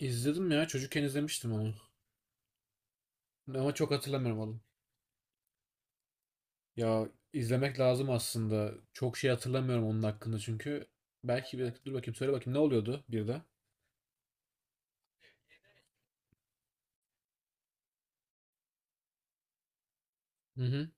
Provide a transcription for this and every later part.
İzledim ya. Çocukken izlemiştim onu. Ama çok hatırlamıyorum oğlum. Ya izlemek lazım aslında. Çok şey hatırlamıyorum onun hakkında çünkü. Belki bir dakika dur bakayım söyle bakayım ne oluyordu bir de? Hı hı.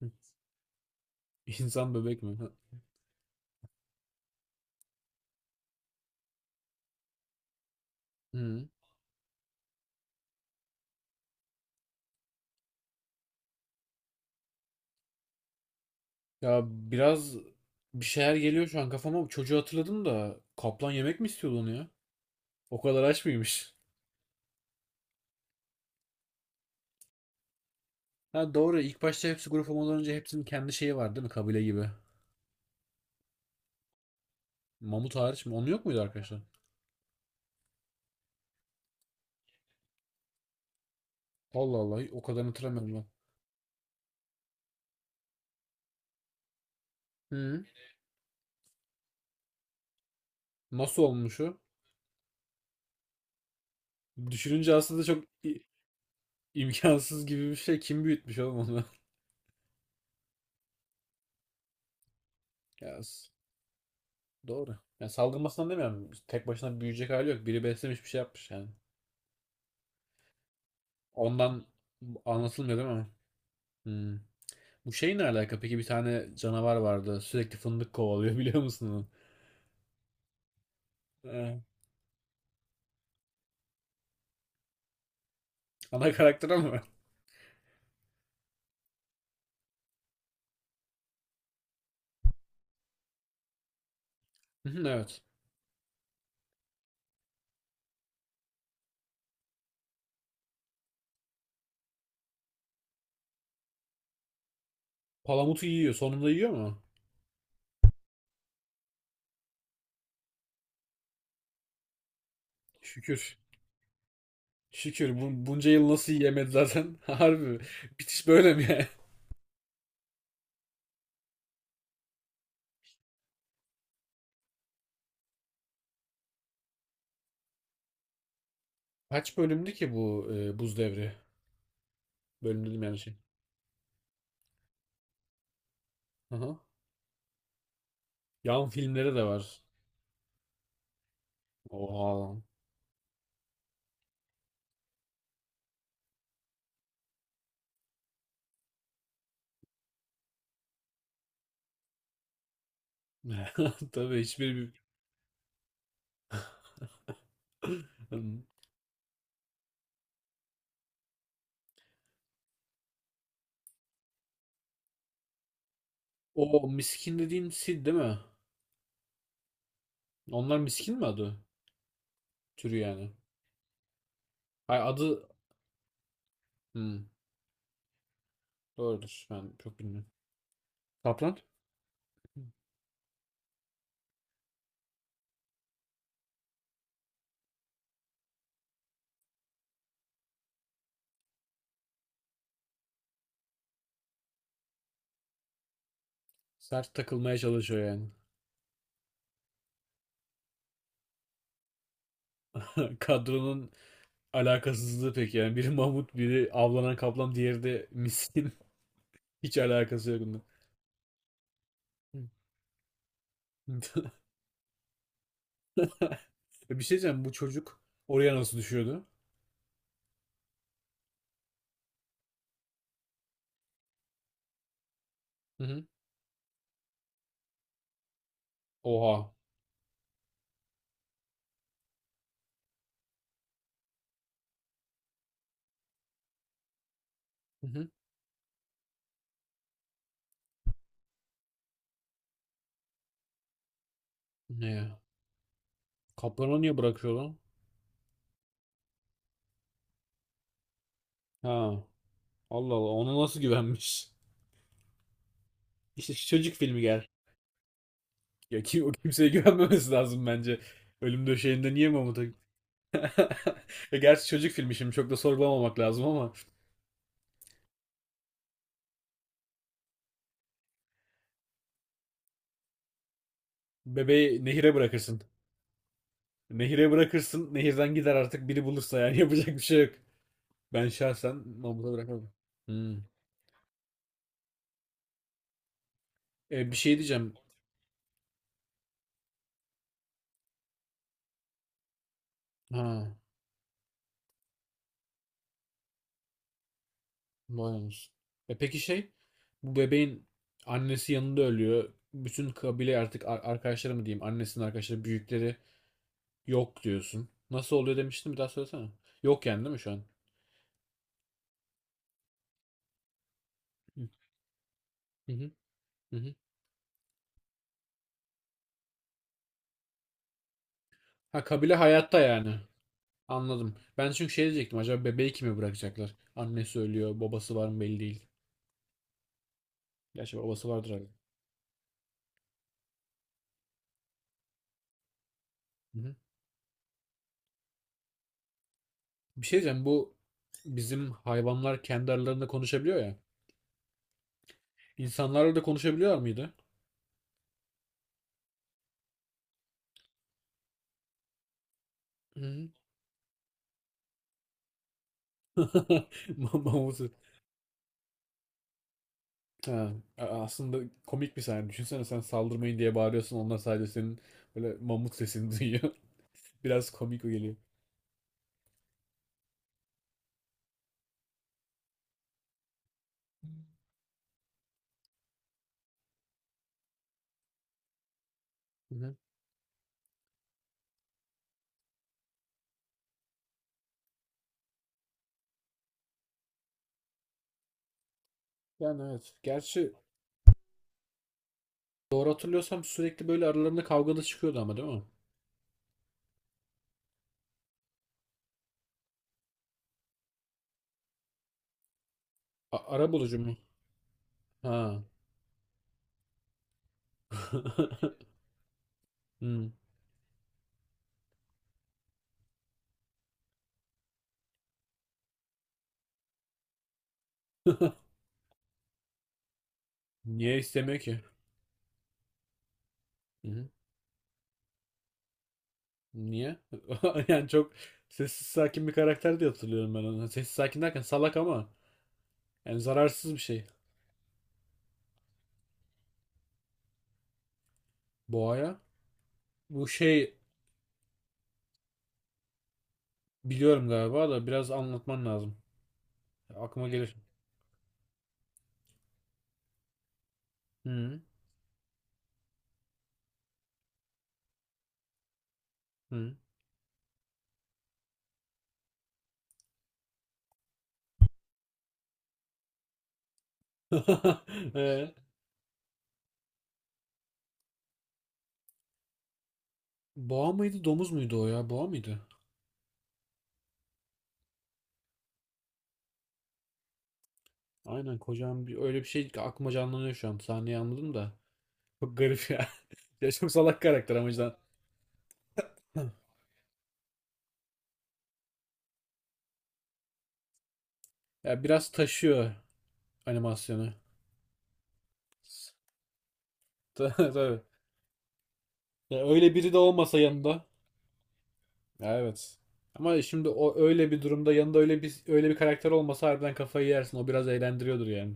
İnsan bebek mi? Hı. Hı. Ya biraz bir şeyler geliyor şu an kafama. Çocuğu hatırladım da kaplan yemek mi istiyordu onu ya? O kadar aç mıymış? Ha doğru, ilk başta hepsi grup olmadan önce hepsinin kendi şeyi var değil mi? Kabile gibi. Mamut hariç mi? Onun yok muydu arkadaşlar? Allah Allah, o kadar hatırlamıyorum ben. Hı. Nasıl olmuş o? Düşününce aslında çok imkansız gibi bir şey. Kim büyütmüş oğlum onu? Ya, doğru. Ya salgınmasından demiyorum. Tek başına büyüyecek hali yok. Biri beslemiş, bir şey yapmış yani. Ondan anlatılmıyor değil mi? Hmm. Bu şey ne alaka? Peki, bir tane canavar vardı. Sürekli fındık kovalıyor biliyor musun onu? Ee, ana karakter ama. Hı, evet. Palamutu yiyor. Sonunda yiyor mu? Şükür. Şükür. Bunca yıl nasıl yiyemedi zaten? Harbi. Bitiş böyle mi yani? Kaç bölümdü ki bu e, buz devri? Bölüm dedim yani şey. Aha. Yan filmleri de var. Oha. Tabii, hiçbir O miskin dediğin Sid değil mi? Onlar miskin mi adı? Türü yani. Hayır, adı... Hmm, doğrudur. Ben çok bilmiyorum. Kaplan? Sert takılmaya çalışıyor yani. Kadronun alakasızlığı pek yani. Biri Mahmut, biri avlanan kaplan, diğeri de miskin. Hiç alakası yok bunun. Bir şey diyeceğim. Bu çocuk oraya nasıl düşüyordu? Hı hı. Oha. Hı hı. Ne ya? Kaplanı niye bırakıyor lan? Ha. Allah Allah. Ona nasıl güvenmiş? İşte şu çocuk filmi gel. Ya kim, o kimseye güvenmemesi lazım bence. Ölüm döşeğinde niye Mahmut'a... Ya gerçi çocuk filmi, şimdi çok da sorgulamamak lazım ama bebeği nehire bırakırsın. Nehire bırakırsın. Nehirden gider, artık biri bulursa yani yapacak bir şey yok. Ben şahsen Mahmut'a bırakamam. Hmm. E, bir şey diyeceğim. Ha. Maymunuz. E peki şey, bu bebeğin annesi yanında ölüyor. Bütün kabile artık, arkadaşları mı diyeyim, annesinin arkadaşları, büyükleri yok diyorsun. Nasıl oluyor demiştin, bir daha söylesene. Yok yani değil mi şu an? Hı hı hı. Hı. Ha, kabile hayatta yani. Anladım. Ben çünkü şey diyecektim, acaba bebeği kime bırakacaklar? Annesi ölüyor, babası var mı belli değil. Gerçi babası vardır abi. Hı hı. Bir şey diyeceğim, bu bizim hayvanlar kendi aralarında konuşabiliyor ya. İnsanlarla da konuşabiliyor muydu? Mamusu. Ha, aslında komik bir sahne. Düşünsene, sen saldırmayın diye bağırıyorsun. Onlar sadece senin böyle mamut sesini duyuyor. Biraz komik o geliyor. Hı hı. Yani evet. Gerçi doğru hatırlıyorsam sürekli böyle aralarında kavgalı çıkıyordu ama değil mi? A, ara bulucu mu? Ha. Hmm. Niye istemiyor ki? Hı hı. Niye? Yani çok sessiz sakin bir karakter diye hatırlıyorum ben onu. Sessiz sakin derken salak ama yani zararsız bir şey. Boğaya. Bu şey, biliyorum galiba da biraz anlatman lazım. Aklıma gelir. Hı hı. Ee, boğa mıydı, domuz muydu o ya? Boğa mıydı? Aynen, kocaman bir öyle bir şey ki aklıma canlanıyor şu an. Sahneyi anladım da. Çok garip ya. Ya çok salak karakter ama cidden. Ya biraz taşıyor animasyonu. Tabii. Ya öyle biri de olmasa yanında. Ya evet. Ama şimdi o öyle bir durumda, yanında öyle bir karakter olmasa harbiden kafayı yersin. O biraz eğlendiriyordur yani.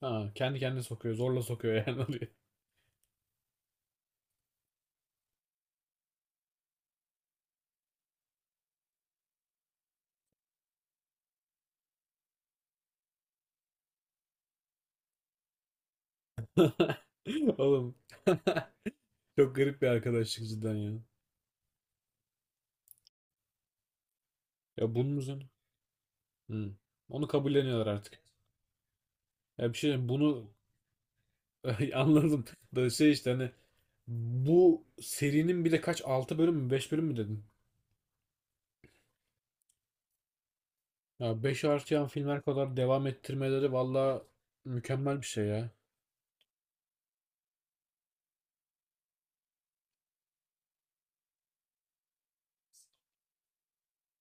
Ha, kendi kendine sokuyor. Zorla sokuyor yani oraya. Oğlum. Çok garip bir arkadaşlık cidden ya. Ya bunun üzerine. Hı. Onu kabulleniyorlar artık. Ya bir şey diyeyim, bunu anladım. Da şey işte hani bu serinin bile kaç, 6 bölüm mü, 5 bölüm mü dedin? Ya beş artıyan filmler kadar devam ettirmeleri valla mükemmel bir şey ya.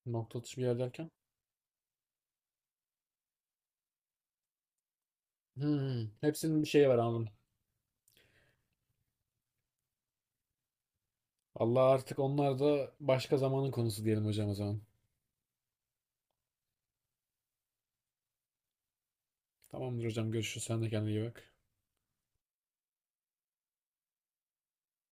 Nokta atışı bir yer derken. Hı, hepsinin bir şeyi var, anladım. Allah, artık onlar da başka zamanın konusu diyelim hocam o zaman. Tamamdır hocam, görüşürüz. Sen de kendine iyi bak.